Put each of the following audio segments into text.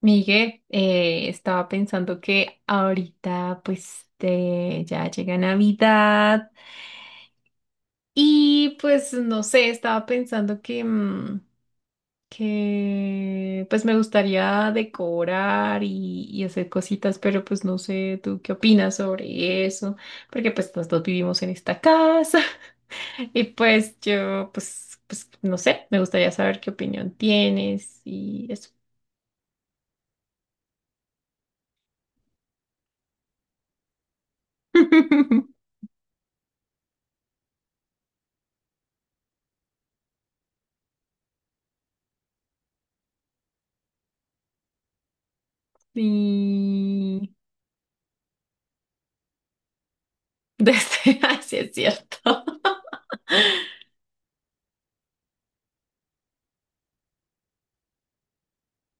Miguel, estaba pensando que ahorita pues te- ya llega Navidad y pues no sé, estaba pensando que que pues me gustaría decorar y hacer cositas, pero pues no sé, ¿tú qué opinas sobre eso? Porque pues los dos vivimos en esta casa y pues yo pues, pues no sé, me gustaría saber qué opinión tienes y eso. Sí. Desde, así es cierto.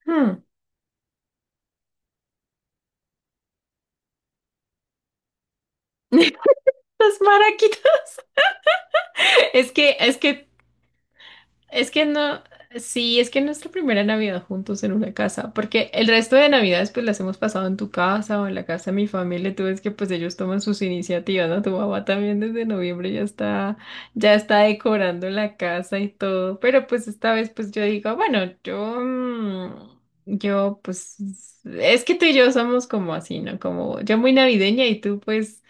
Hmm. Los maraquitos. Es que, es que Es que no, sí, es que nuestra primera Navidad juntos en una casa, porque el resto de Navidades pues las hemos pasado en tu casa o en la casa de mi familia, tú ves que pues ellos toman sus iniciativas, ¿no? Tu mamá también desde noviembre ya está decorando la casa y todo, pero pues esta vez pues yo digo, bueno, yo es que tú y yo somos como así, ¿no? Como yo muy navideña y tú pues,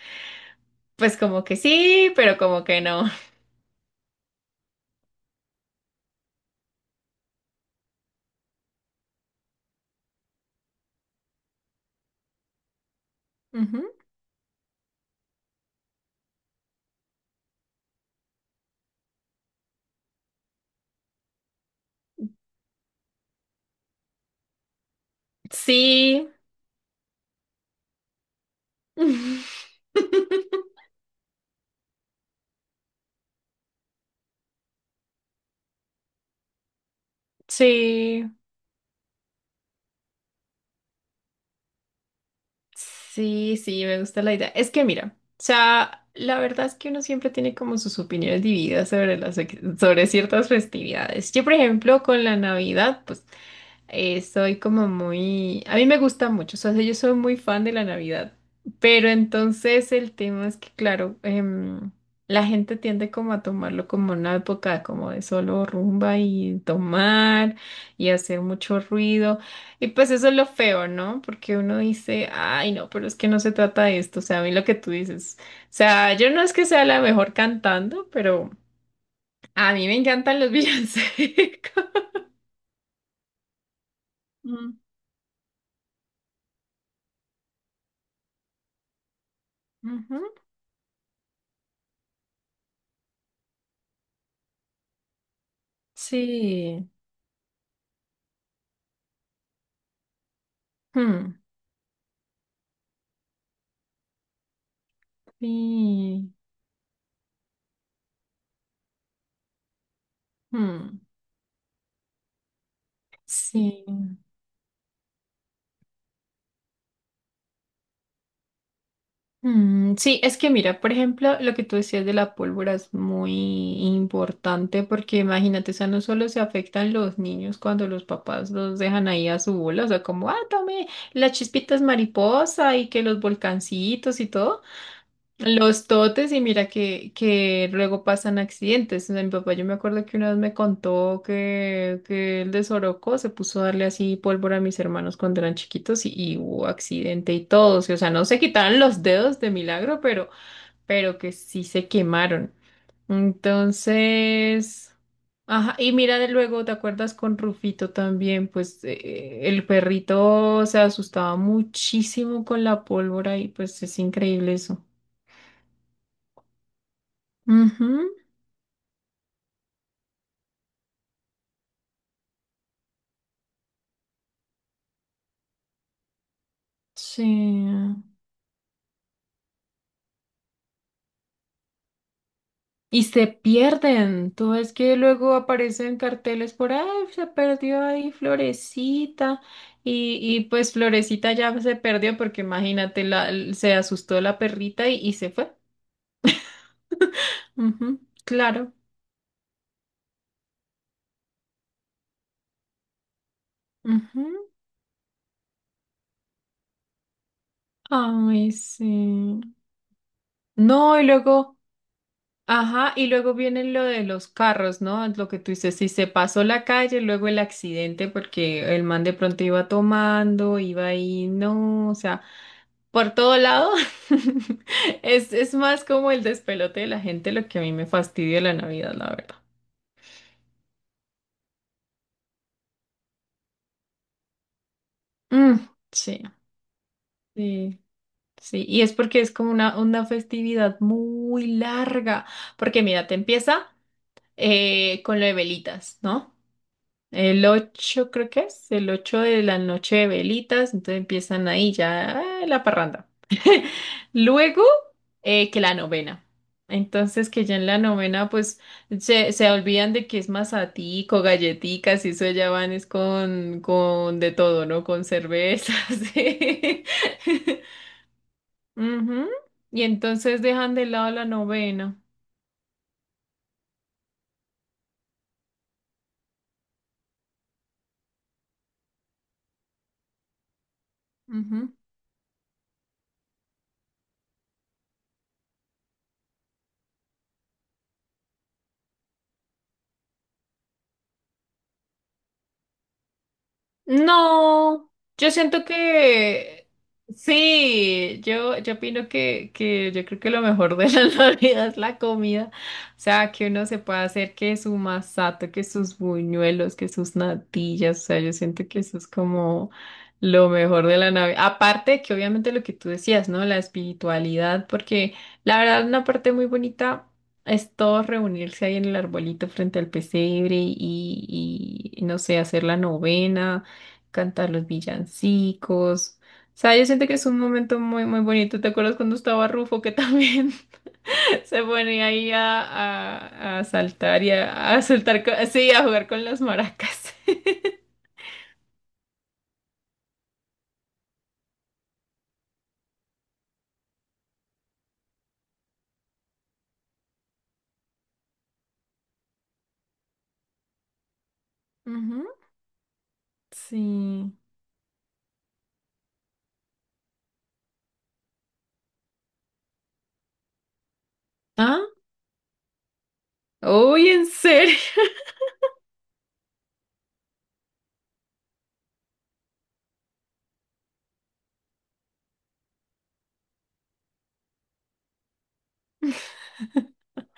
pues como que sí, pero como que no. Ujú. Sí. Sí, sí, sí, me gusta la idea. Es que mira, o sea, la verdad es que uno siempre tiene como sus opiniones divididas sobre las, ex- sobre ciertas festividades. Yo, por ejemplo, con la Navidad, pues soy como muy... A mí me gusta mucho, o sea, yo soy muy fan de la Navidad, pero entonces el tema es que, claro, la gente tiende como a tomarlo como una época como de solo rumba y tomar y hacer mucho ruido. Y pues eso es lo feo, ¿no? Porque uno dice, ay, no, pero es que no se trata de esto, o sea, a mí lo que tú dices, o sea, yo no es que sea la mejor cantando, pero a mí me encantan los villancicos. Mm, ujú. Sí. Mm, sí, mm, sí, sí, es que mira, por ejemplo, lo que tú decías de la pólvora es muy importante porque imagínate, o sea, no solo se afectan los niños cuando los papás los dejan ahí a su bola, o sea, como, ah, tome las chispitas mariposa y que los volcancitos y todo. Los totes y mira que luego pasan accidentes. O sea, mi papá, yo me acuerdo que una vez me contó que el de Sorocó se puso a darle así pólvora a mis hermanos cuando eran chiquitos y hubo accidente y todo. Sí, o sea, no se quitaron los dedos de milagro, pero que sí se quemaron. Entonces, ajá, y mira de luego, ¿te acuerdas con Rufito también? Pues el perrito se asustaba muchísimo con la pólvora y pues es increíble eso. Ujú, sí. Y se pierden. Tú ves que luego aparecen carteles por ahí, se perdió ahí Florecita. Y pues Florecita ya se perdió porque imagínate, la, se asustó la perrita y se fue. Ujú, claro. Ujú. Ay, sí. No, y luego. Ajá, y luego viene lo de los carros, ¿no? Lo que tú dices, si se pasó la calle, luego el accidente, porque el man de pronto iba tomando, iba ahí, no, o sea, por todo lado. Es más como el despelote de la gente lo que a mí me fastidia la Navidad, la verdad. Mm, sí, sí, sí. Y es porque es como una festividad muy larga, porque mira, te empieza con lo de velitas, ¿no? El 8 creo que es, el 8 de la noche de velitas, entonces empiezan ahí ya ah, la parranda. Luego que la novena. Entonces que ya en la novena pues se olvidan de que es masatico, galletitas y eso ya van es con de todo, ¿no? Con cervezas. Sí. Ujú. Y entonces dejan de lado la novena. No, yo siento que sí, yo opino que yo creo que lo mejor de la Navidad es la comida. O sea, que uno se pueda hacer que su masato, que sus buñuelos, que sus natillas. O sea, yo siento que eso es como lo mejor de la Navidad. Aparte de que obviamente lo que tú decías, ¿no? La espiritualidad, porque la verdad una parte muy bonita. Es todo reunirse ahí en el arbolito frente al pesebre y no sé, hacer la novena cantar los villancicos. O sea, yo siento que es un momento muy, muy bonito. ¿Te acuerdas cuando estaba Rufo que también se ponía ahí a saltar y a saltar, co- sí, a jugar con las maracas? Ujú, sí. ¿Ah? Uy, en serio.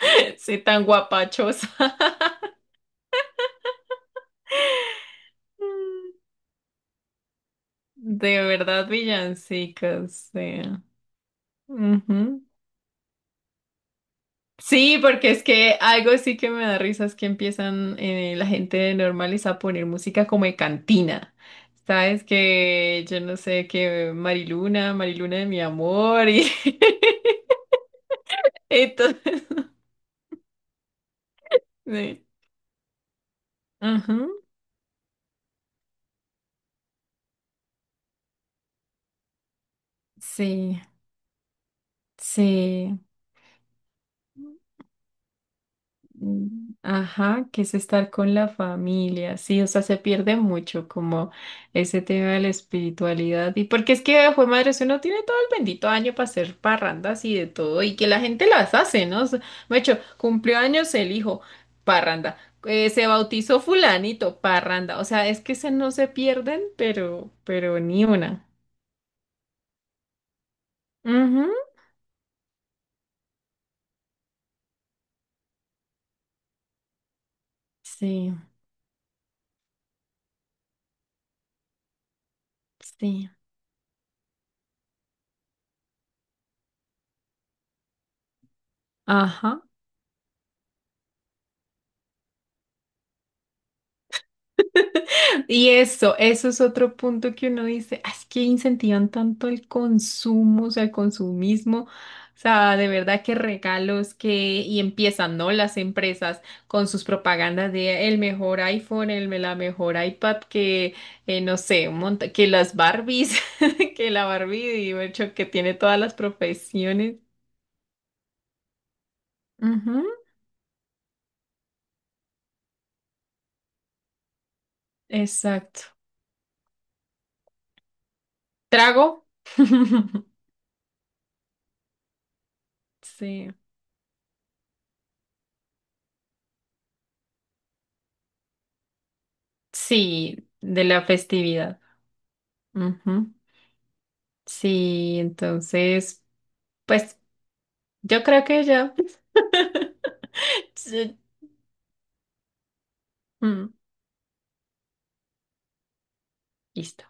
Sí, tan guapachosa. Mm, de verdad, villancicas, sí. Ujú. Sí, porque es que algo sí que me da risa es que empiezan la gente normales a poner música como de cantina. Sabes que yo no sé que Mariluna, Mariluna de mi amor y entonces sí. Ujú, sí, sí. Mm, ajá, que es estar con la familia, sí, o sea, se pierde mucho como ese tema de la espiritualidad y porque es que, fue madre, si uno tiene todo el bendito año para hacer parrandas y de todo y que la gente las hace, ¿no? O sea, me hecho, cumplió años el hijo, parranda, se bautizó fulanito, parranda, o sea, es que se no se pierden, pero ni una. Ujú, sí, sí, ajá. Y eso es otro punto que uno dice, "Ah, es que incentivan tanto el consumo, o sea, el consumismo, o sea, de verdad que regalos que, y empiezan, ¿no? Las empresas con sus propagandas de el mejor iPhone, el, la mejor iPad, que, no sé, un monta- que las Barbies, que la Barbie, digo, hecho, que tiene todas las profesiones. Ujú, exacto. Trago. Sí, sí, de la festividad. Ujú. Sí, entonces, pues yo creo que yo... Sí. Mm, listo.